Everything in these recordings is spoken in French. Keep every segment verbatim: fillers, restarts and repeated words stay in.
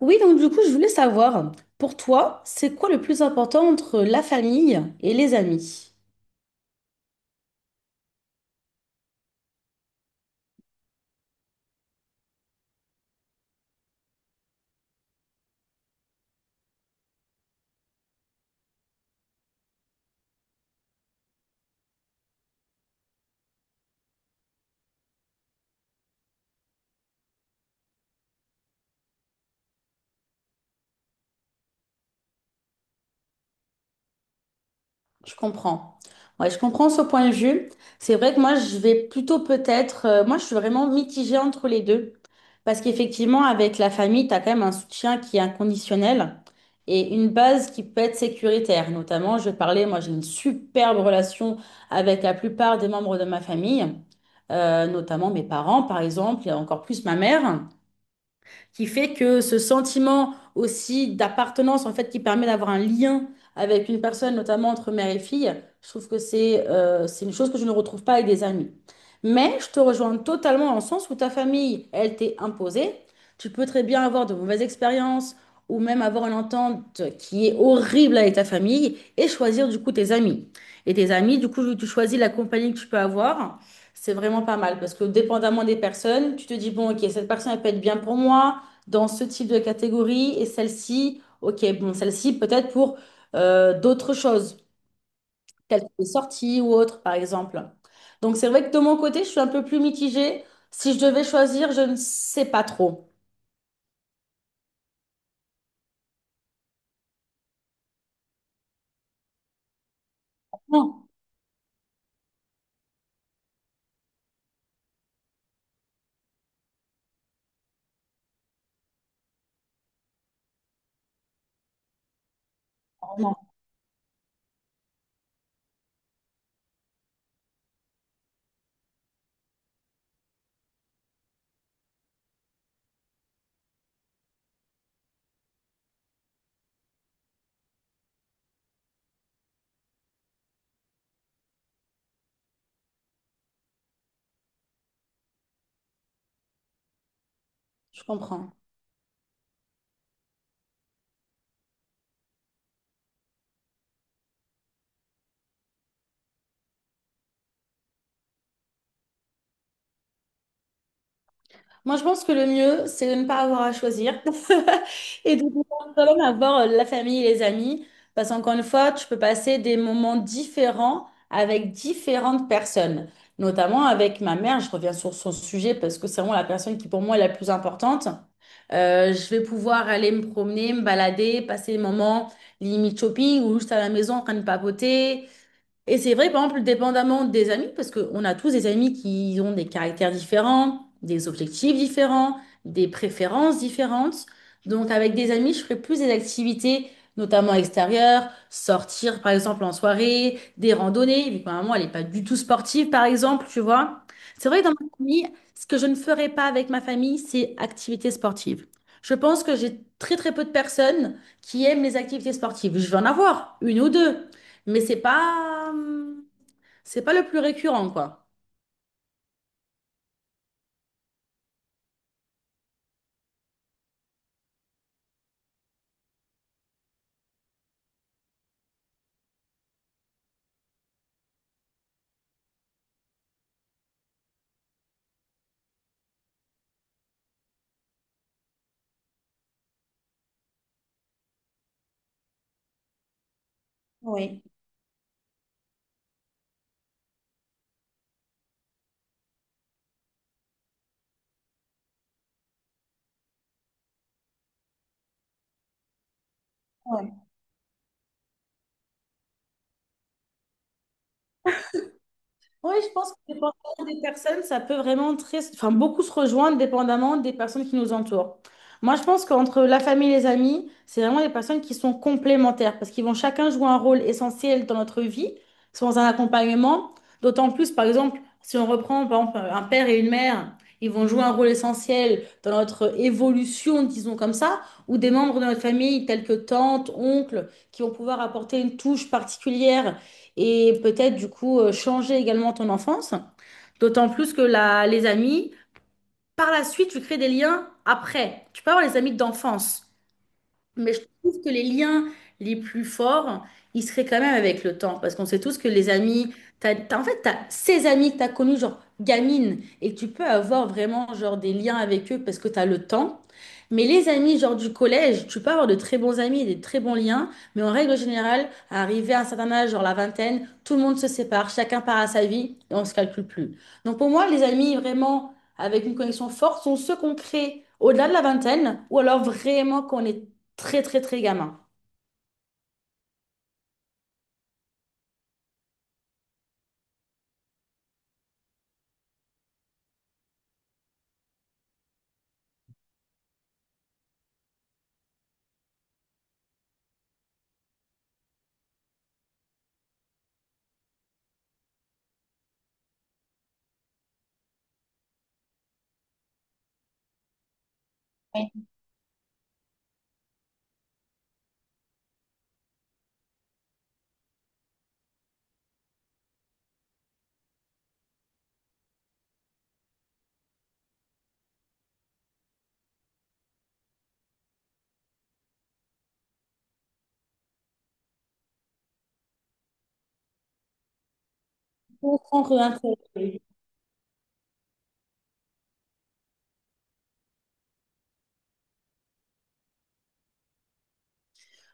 Oui, donc du coup, je voulais savoir, pour toi, c'est quoi le plus important entre la famille et les amis? Je comprends. Ouais, je comprends ce point de vue. C'est vrai que moi, je vais plutôt peut-être, euh, moi, je suis vraiment mitigée entre les deux. Parce qu'effectivement, avec la famille, tu as quand même un soutien qui est inconditionnel et une base qui peut être sécuritaire. Notamment, je parlais, moi, j'ai une superbe relation avec la plupart des membres de ma famille, euh, notamment mes parents, par exemple, et encore plus ma mère, qui fait que ce sentiment aussi d'appartenance, en fait, qui permet d'avoir un lien avec une personne, notamment entre mère et fille, je trouve que c'est euh, c'est une chose que je ne retrouve pas avec des amis. Mais je te rejoins totalement dans le sens où ta famille, elle t'est imposée. Tu peux très bien avoir de mauvaises expériences ou même avoir une entente qui est horrible avec ta famille et choisir du coup tes amis. Et tes amis, du coup, tu choisis la compagnie que tu peux avoir, c'est vraiment pas mal parce que dépendamment des personnes, tu te dis, bon, ok, cette personne, elle peut être bien pour moi dans ce type de catégorie et celle-ci, ok, bon, celle-ci peut-être pour euh, d'autres choses, telles que les sorties ou autres, par exemple. Donc c'est vrai que de mon côté, je suis un peu plus mitigée. Si je devais choisir, je ne sais pas trop. Non, non, je comprends. Moi, je pense que le mieux, c'est de ne pas avoir à choisir et de pouvoir quand même avoir euh, la famille et les amis. Parce qu'encore une fois, tu peux passer des moments différents avec différentes personnes. Notamment avec ma mère, je reviens sur son sujet parce que c'est vraiment la personne qui pour moi est la plus importante. Euh, je vais pouvoir aller me me promener, me balader, passer des moments limite shopping ou juste à la maison en train de papoter. Et c'est vrai, par exemple, dépendamment des amis, parce qu'on a tous des amis qui ont des caractères différents, des objectifs différents, des préférences différentes. Donc, avec des amis, je ferai plus des activités, notamment extérieures, sortir, par exemple, en soirée, des randonnées, vu que ma maman, elle n'est pas du tout sportive, par exemple, tu vois. C'est vrai que dans ma famille, ce que je ne ferai pas avec ma famille, c'est activités sportives. Je pense que j'ai très, très peu de personnes qui aiment les activités sportives. Je vais en avoir une ou deux. Mais c'est pas, hum, c'est pas le plus récurrent, quoi. Oui. Oui. Oui, je pense que dépendamment des personnes, ça peut vraiment très, enfin, beaucoup se rejoindre dépendamment des personnes qui nous entourent. Moi, je pense qu'entre la famille et les amis, c'est vraiment des personnes qui sont complémentaires parce qu'ils vont chacun jouer un rôle essentiel dans notre vie, sans un accompagnement. D'autant plus, par exemple, si on reprend par exemple, un père et une mère, ils vont jouer un rôle essentiel dans notre évolution, disons comme ça, ou des membres de notre famille tels que tante, oncle, qui vont pouvoir apporter une touche particulière et peut-être du coup euh, changer également ton enfance. D'autant plus que la, les amis, par la suite, tu crées des liens après. Tu peux avoir les amis d'enfance. Mais je trouve que les liens les plus forts, ils seraient quand même avec le temps. Parce qu'on sait tous que les amis, t'as- t'as- en fait, tu as ces amis que tu as connus, genre gamine, et que tu peux avoir vraiment genre, des liens avec eux parce que tu as le temps. Mais les amis, genre du collège, tu peux avoir de très bons amis et des très bons liens. Mais en règle générale, arrivé à un certain âge, genre la vingtaine, tout le monde se sépare, chacun part à sa vie et on ne se calcule plus. Donc pour moi, les amis vraiment avec une connexion forte sont ceux qu'on crée au-delà de la vingtaine ou alors vraiment qu'on est très, très, très gamin. Je comprends rien.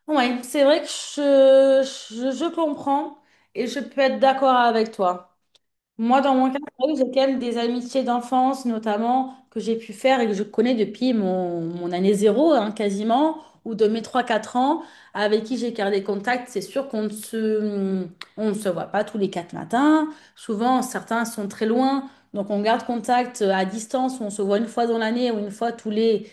Ouais, c'est vrai que je, je, je comprends et je peux être d'accord avec toi. Moi, dans mon cas, c'est vrai que j'ai quand même des amitiés d'enfance, notamment, que j'ai pu faire et que je connais depuis mon, mon année zéro, hein, quasiment, ou de mes trois quatre ans, avec qui j'ai gardé contact. C'est sûr qu'on ne se, on ne se voit pas tous les quatre matins. Souvent, certains sont très loin, donc on garde contact à distance, on se voit une fois dans l'année ou une fois tous les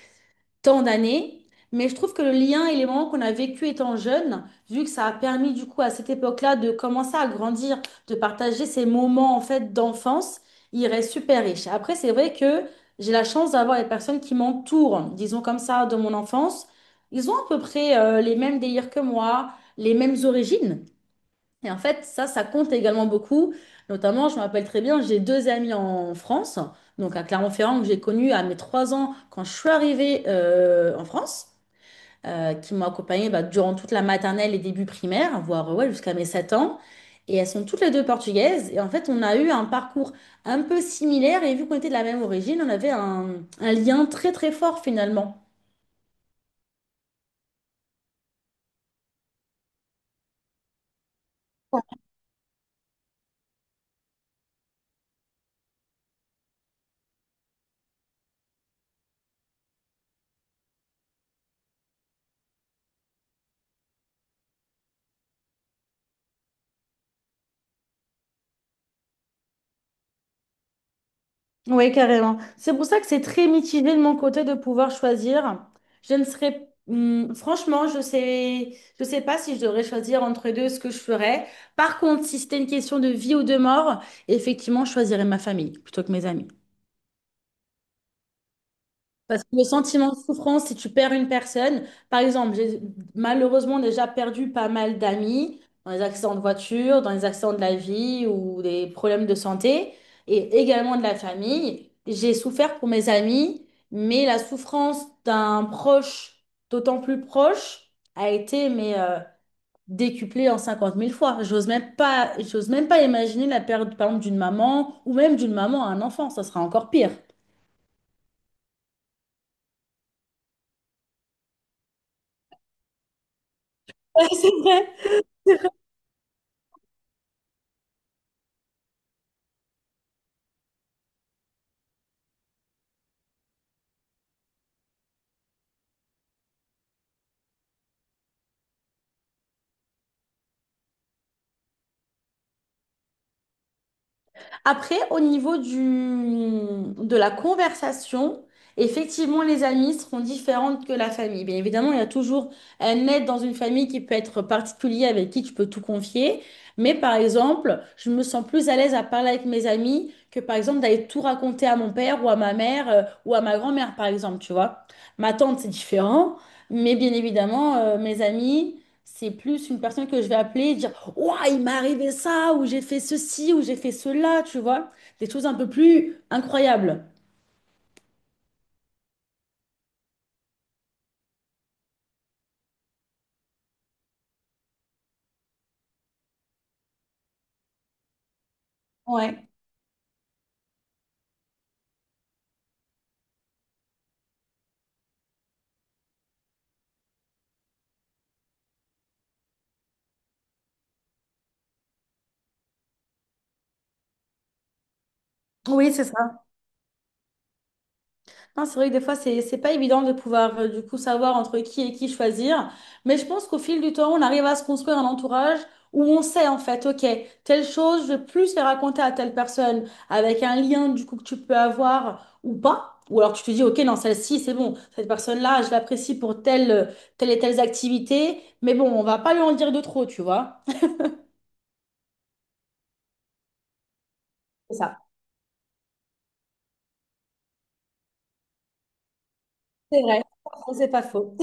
tant d'années, mais je trouve que le lien et les moments qu'on a vécu étant jeune, vu que ça a permis du coup à cette époque-là de commencer à grandir, de partager ces moments en fait d'enfance, il reste super riche. Après, c'est vrai que j'ai la chance d'avoir les personnes qui m'entourent, disons comme ça, de mon enfance. Ils ont à peu près euh, les mêmes délires que moi, les mêmes origines. Et en fait, ça, ça compte également beaucoup. Notamment, je me rappelle très bien, j'ai deux amis en France, donc à Clermont-Ferrand, que j'ai connu à mes trois ans quand je suis arrivée euh, en France, euh, qui m'ont accompagnée bah, durant toute la maternelle et début primaire, voire euh, ouais, jusqu'à mes sept ans. Et elles sont toutes les deux portugaises. Et en fait, on a eu un parcours un peu similaire. Et vu qu'on était de la même origine, on avait un, un lien très très fort finalement. Oui, carrément. C'est pour ça que c'est très mitigé de mon côté de pouvoir choisir. Je ne serais, hum, franchement, je sais, je sais pas si je devrais choisir entre les deux ce que je ferais. Par contre, si c'était une question de vie ou de mort, effectivement, je choisirais ma famille plutôt que mes amis. Parce que le sentiment de souffrance, si tu perds une personne, par exemple, j'ai malheureusement déjà perdu pas mal d'amis dans les accidents de voiture, dans les accidents de la vie ou des problèmes de santé, et également de la famille. J'ai souffert pour mes amis, mais la souffrance d'un proche, d'autant plus proche, a été mais, euh, décuplée en cinquante mille fois. J'ose même pas, j'ose même pas imaginer la perte, par exemple, d'une maman ou même d'une maman à un enfant, ça sera encore pire. Ouais, c'est vrai. Après, au niveau du, de la conversation, effectivement, les amis seront différentes que la famille. Bien évidemment, il y a toujours un aide dans une famille qui peut être particulier, avec qui tu peux tout confier. Mais par exemple, je me sens plus à l'aise à parler avec mes amis que par exemple d'aller tout raconter à mon père ou à ma mère euh, ou à ma grand-mère, par exemple, tu vois. Ma tante, c'est différent. Mais bien évidemment, euh, mes amis, c'est plus une personne que je vais appeler et dire. Ouah, il m'est arrivé ça, ou j'ai fait ceci, ou j'ai fait cela, tu vois. Des choses un peu plus incroyables. Ouais. Oui, c'est ça. Non, c'est vrai que des fois, c'est, c'est pas évident de pouvoir euh, du coup savoir entre qui et qui choisir. Mais je pense qu'au fil du temps, on arrive à se construire un entourage où on sait en fait, ok, telle chose, je vais plus les raconter à telle personne avec un lien du coup que tu peux avoir ou pas. Ou alors tu te dis, ok, non, celle-ci, c'est bon, cette personne-là, je l'apprécie pour telle, telle et telle activité. Mais bon, on va pas lui en dire de trop, tu vois. C'est ça. C'est vrai. C'est pas faux.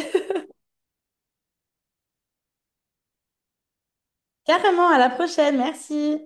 Carrément, à la prochaine. Merci.